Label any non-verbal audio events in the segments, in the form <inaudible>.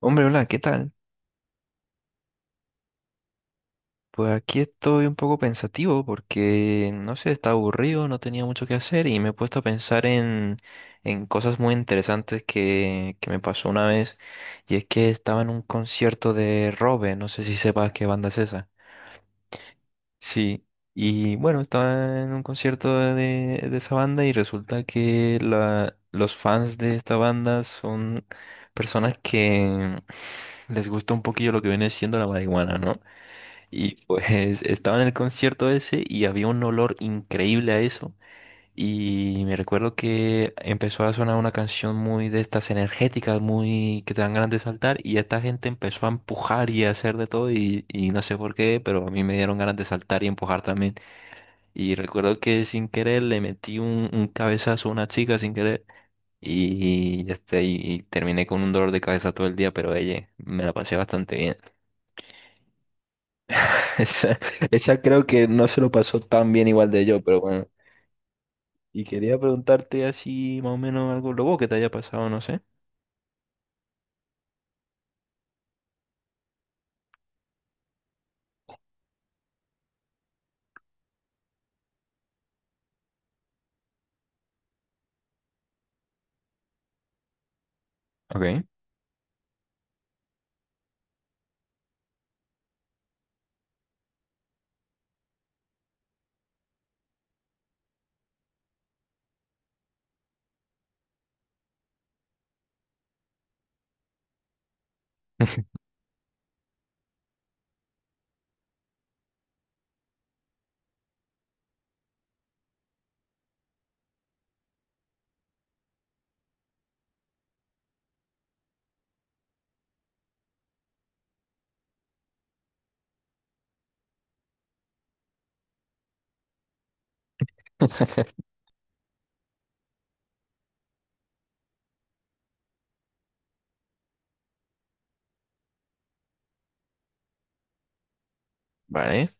Hombre, hola, ¿qué tal? Pues aquí estoy un poco pensativo porque, no sé, estaba aburrido, no tenía mucho que hacer y me he puesto a pensar en cosas muy interesantes que me pasó una vez, y es que estaba en un concierto de Robe, no sé si sepas qué banda es esa. Sí, y bueno, estaba en un concierto de esa banda y resulta que los fans de esta banda son personas que les gusta un poquillo lo que viene siendo la marihuana, ¿no? Y pues estaba en el concierto ese y había un olor increíble a eso. Y me recuerdo que empezó a sonar una canción muy de estas energéticas, muy que te dan ganas de saltar. Y esta gente empezó a empujar y a hacer de todo. Y no sé por qué, pero a mí me dieron ganas de saltar y empujar también. Y recuerdo que sin querer le metí un cabezazo a una chica sin querer. Y ya está, y terminé con un dolor de cabeza todo el día, pero ella me la pasé bastante bien. <laughs> Esa, esa creo que no se lo pasó tan bien igual de yo, pero bueno. Y quería preguntarte así más o menos algo loco que te haya pasado, no sé. Ok. <laughs> Vale,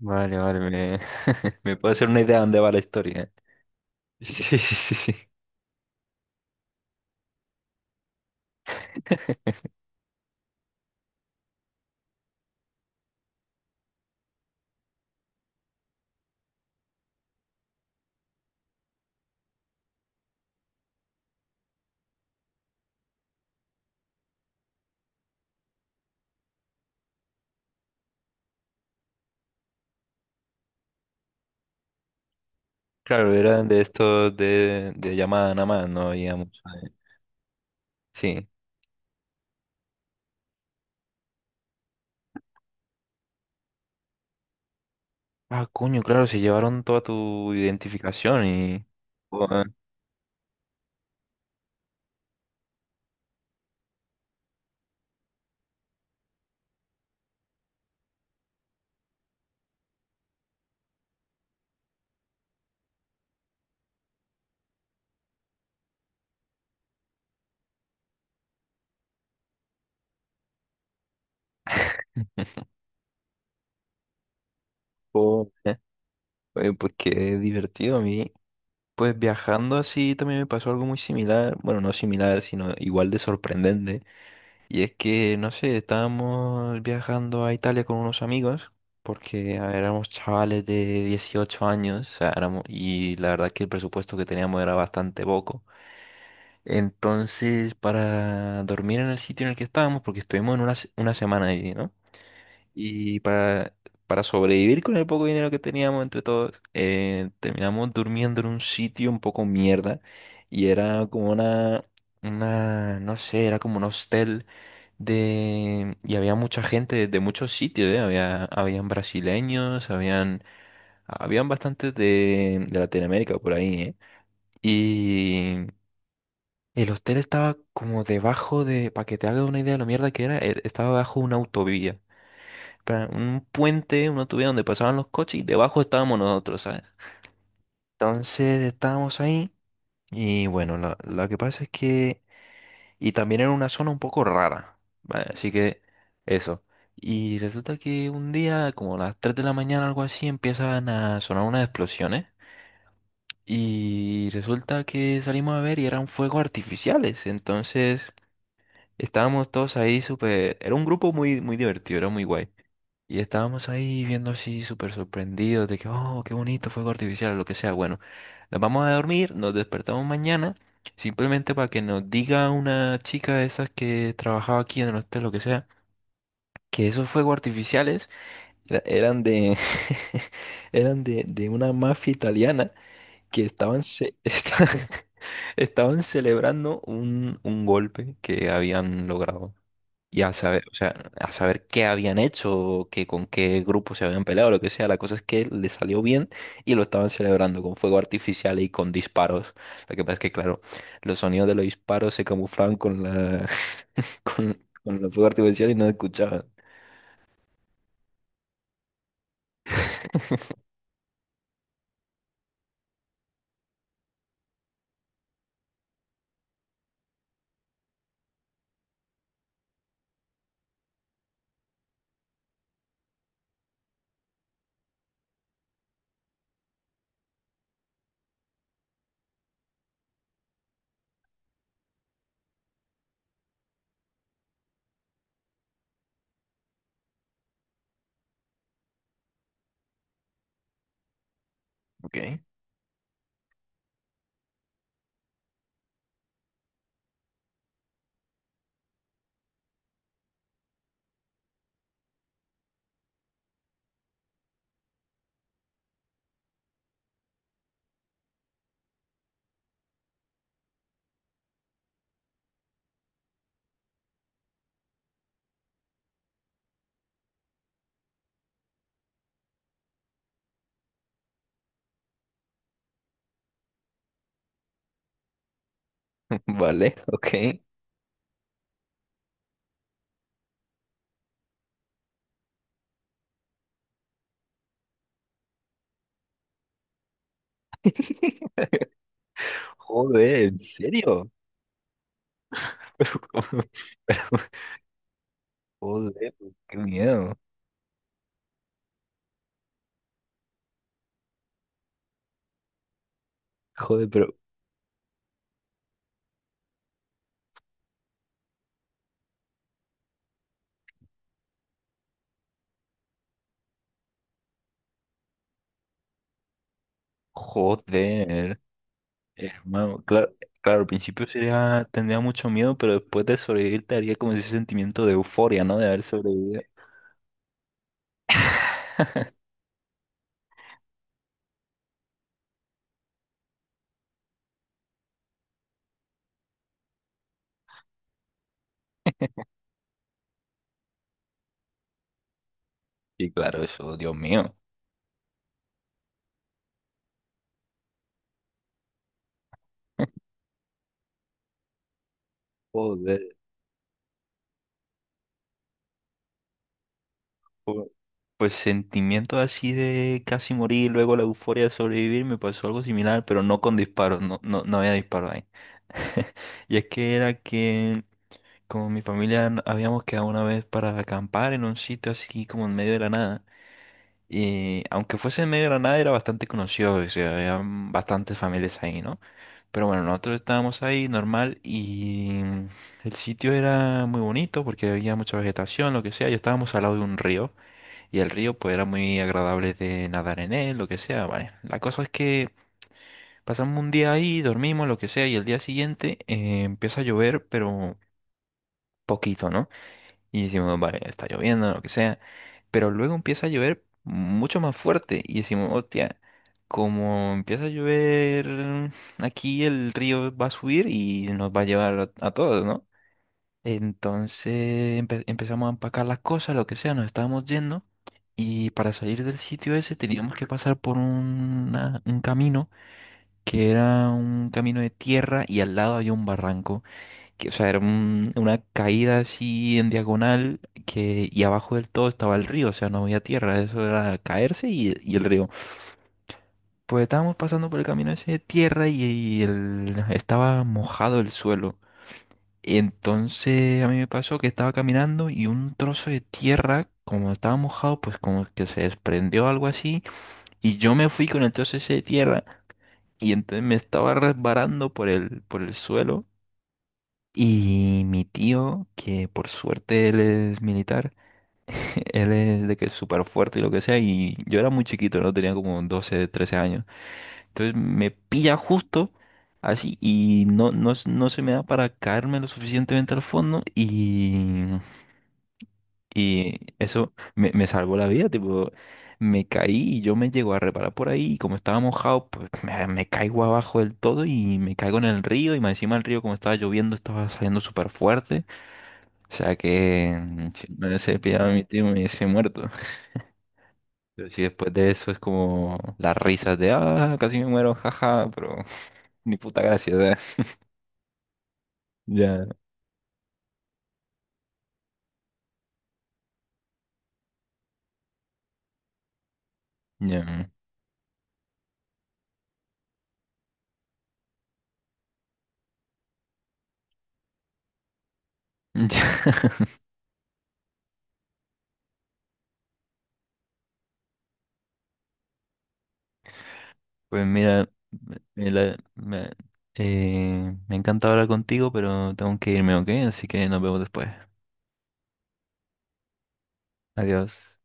vale, vale. <laughs> Me puedo hacer una idea de dónde va la historia. <laughs> Sí, sí, sí. Claro, eran de estos de llamada nada más, no había mucho. De- sí. Ah, coño, claro, se llevaron toda tu identificación y... Joder, joder. Oye, pues qué divertido a mí. Pues viajando así también me pasó algo muy similar, bueno, no similar, sino igual de sorprendente. Y es que, no sé, estábamos viajando a Italia con unos amigos, porque a ver, éramos chavales de 18 años, o sea, éramos, y la verdad que el presupuesto que teníamos era bastante poco. Entonces, para dormir en el sitio en el que estábamos, porque estuvimos en una semana ahí, ¿no? Y para, para sobrevivir con el poco dinero que teníamos entre todos, terminamos durmiendo en un sitio un poco mierda. Y era como no sé, era como un hostel de... Y había mucha gente de muchos sitios, ¿eh? Había, habían brasileños, habían bastantes de Latinoamérica por ahí, ¿eh? Y... El hostel estaba como debajo de, para que te hagas una idea de lo mierda que era, estaba bajo un puente, una tubería donde pasaban los coches y debajo estábamos nosotros, ¿sabes? Entonces estábamos ahí y bueno, la que pasa es que... Y también era una zona un poco rara, ¿vale? Así que eso. Y resulta que un día, como a las 3 de la mañana, algo así, empiezan a sonar unas explosiones. Y resulta que salimos a ver y eran fuegos artificiales. Entonces estábamos todos ahí súper... Era un grupo muy, muy divertido, era muy guay. Y estábamos ahí viendo así súper sorprendidos de que, oh, qué bonito, fuego artificial, o lo que sea. Bueno, nos vamos a dormir, nos despertamos mañana, simplemente para que nos diga una chica de esas que trabajaba aquí en el hotel, lo que sea, que esos fuegos artificiales eran de, <laughs> eran de una mafia italiana que <laughs> estaban celebrando un golpe que habían logrado y a saber, o sea, a saber qué habían hecho, que con qué grupo se habían peleado, lo que sea. La cosa es que le salió bien y lo estaban celebrando con fuego artificial y con disparos. Lo que pasa es que, claro, los sonidos de los disparos se camuflaban con la <laughs> con, con el fuego artificial y no escuchaban. <laughs> Ok. <laughs> Vale, ok. <laughs> Joder, ¿en serio? <laughs> Pero, ¿cómo? Pero, joder, qué miedo. Joder, pero, joder. Hermano, claro, claro, al principio sería, tendría mucho miedo, pero después de sobrevivir te haría como ese sentimiento de euforia, ¿no? De haber sobrevivido. Y claro, eso, Dios mío. Joder. jo- Pues sentimiento así de casi morir, luego la euforia de sobrevivir, me pasó algo similar, pero no con disparos, no, no, no había disparo ahí. <laughs> Y es que era que como mi familia habíamos quedado una vez para acampar en un sitio así como en medio de la nada. Y aunque fuese en medio de la nada, era bastante conocido, o sea, habían bastantes familias ahí, ¿no? Pero bueno, nosotros estábamos ahí normal y el sitio era muy bonito porque había mucha vegetación, lo que sea, y estábamos al lado de un río y el río pues era muy agradable de nadar en él, lo que sea, vale. La cosa es que pasamos un día ahí, dormimos, lo que sea, y el día siguiente empieza a llover, pero poquito, ¿no? Y decimos, vale, está lloviendo, lo que sea. Pero luego empieza a llover mucho más fuerte. Y decimos, hostia, como empieza a llover, aquí el río va a subir y nos va a llevar a todos, ¿no? Entonces empezamos a empacar las cosas, lo que sea, nos estábamos yendo. Y para salir del sitio ese teníamos que pasar por un camino que era un camino de tierra y al lado había un barranco que, o sea, era una caída así en diagonal que, y abajo del todo estaba el río, o sea, no había tierra, eso era caerse y el río. Pues estábamos pasando por el camino ese de tierra y, estaba mojado el suelo. Y entonces a mí me pasó que estaba caminando y un trozo de tierra, como estaba mojado, pues como que se desprendió algo así. Y yo me fui con el trozo ese de tierra y entonces me estaba resbalando por por el suelo. Y mi tío, que por suerte él es militar, <laughs> él es de que es súper fuerte y lo que sea, y yo era muy chiquito, no tenía como 12 13 años. Entonces me pilla justo así y no, no, no se me da para caerme lo suficientemente al fondo, y eso me salvó la vida, tipo, me caí y yo me llego a reparar por ahí y como estaba mojado, pues me caigo abajo del todo y me caigo en el río y más encima el río como estaba lloviendo estaba saliendo súper fuerte. O sea que si no hubiese pillado a mi tío me hubiese muerto. Pero si después de eso es como las risas de, ah, casi me muero, jaja, pero <laughs> ni puta gracia, o sea, ya, ya, <laughs> ya. Pues mira, me encanta hablar contigo, pero tengo que irme, ¿ok? Así que nos vemos después. Adiós.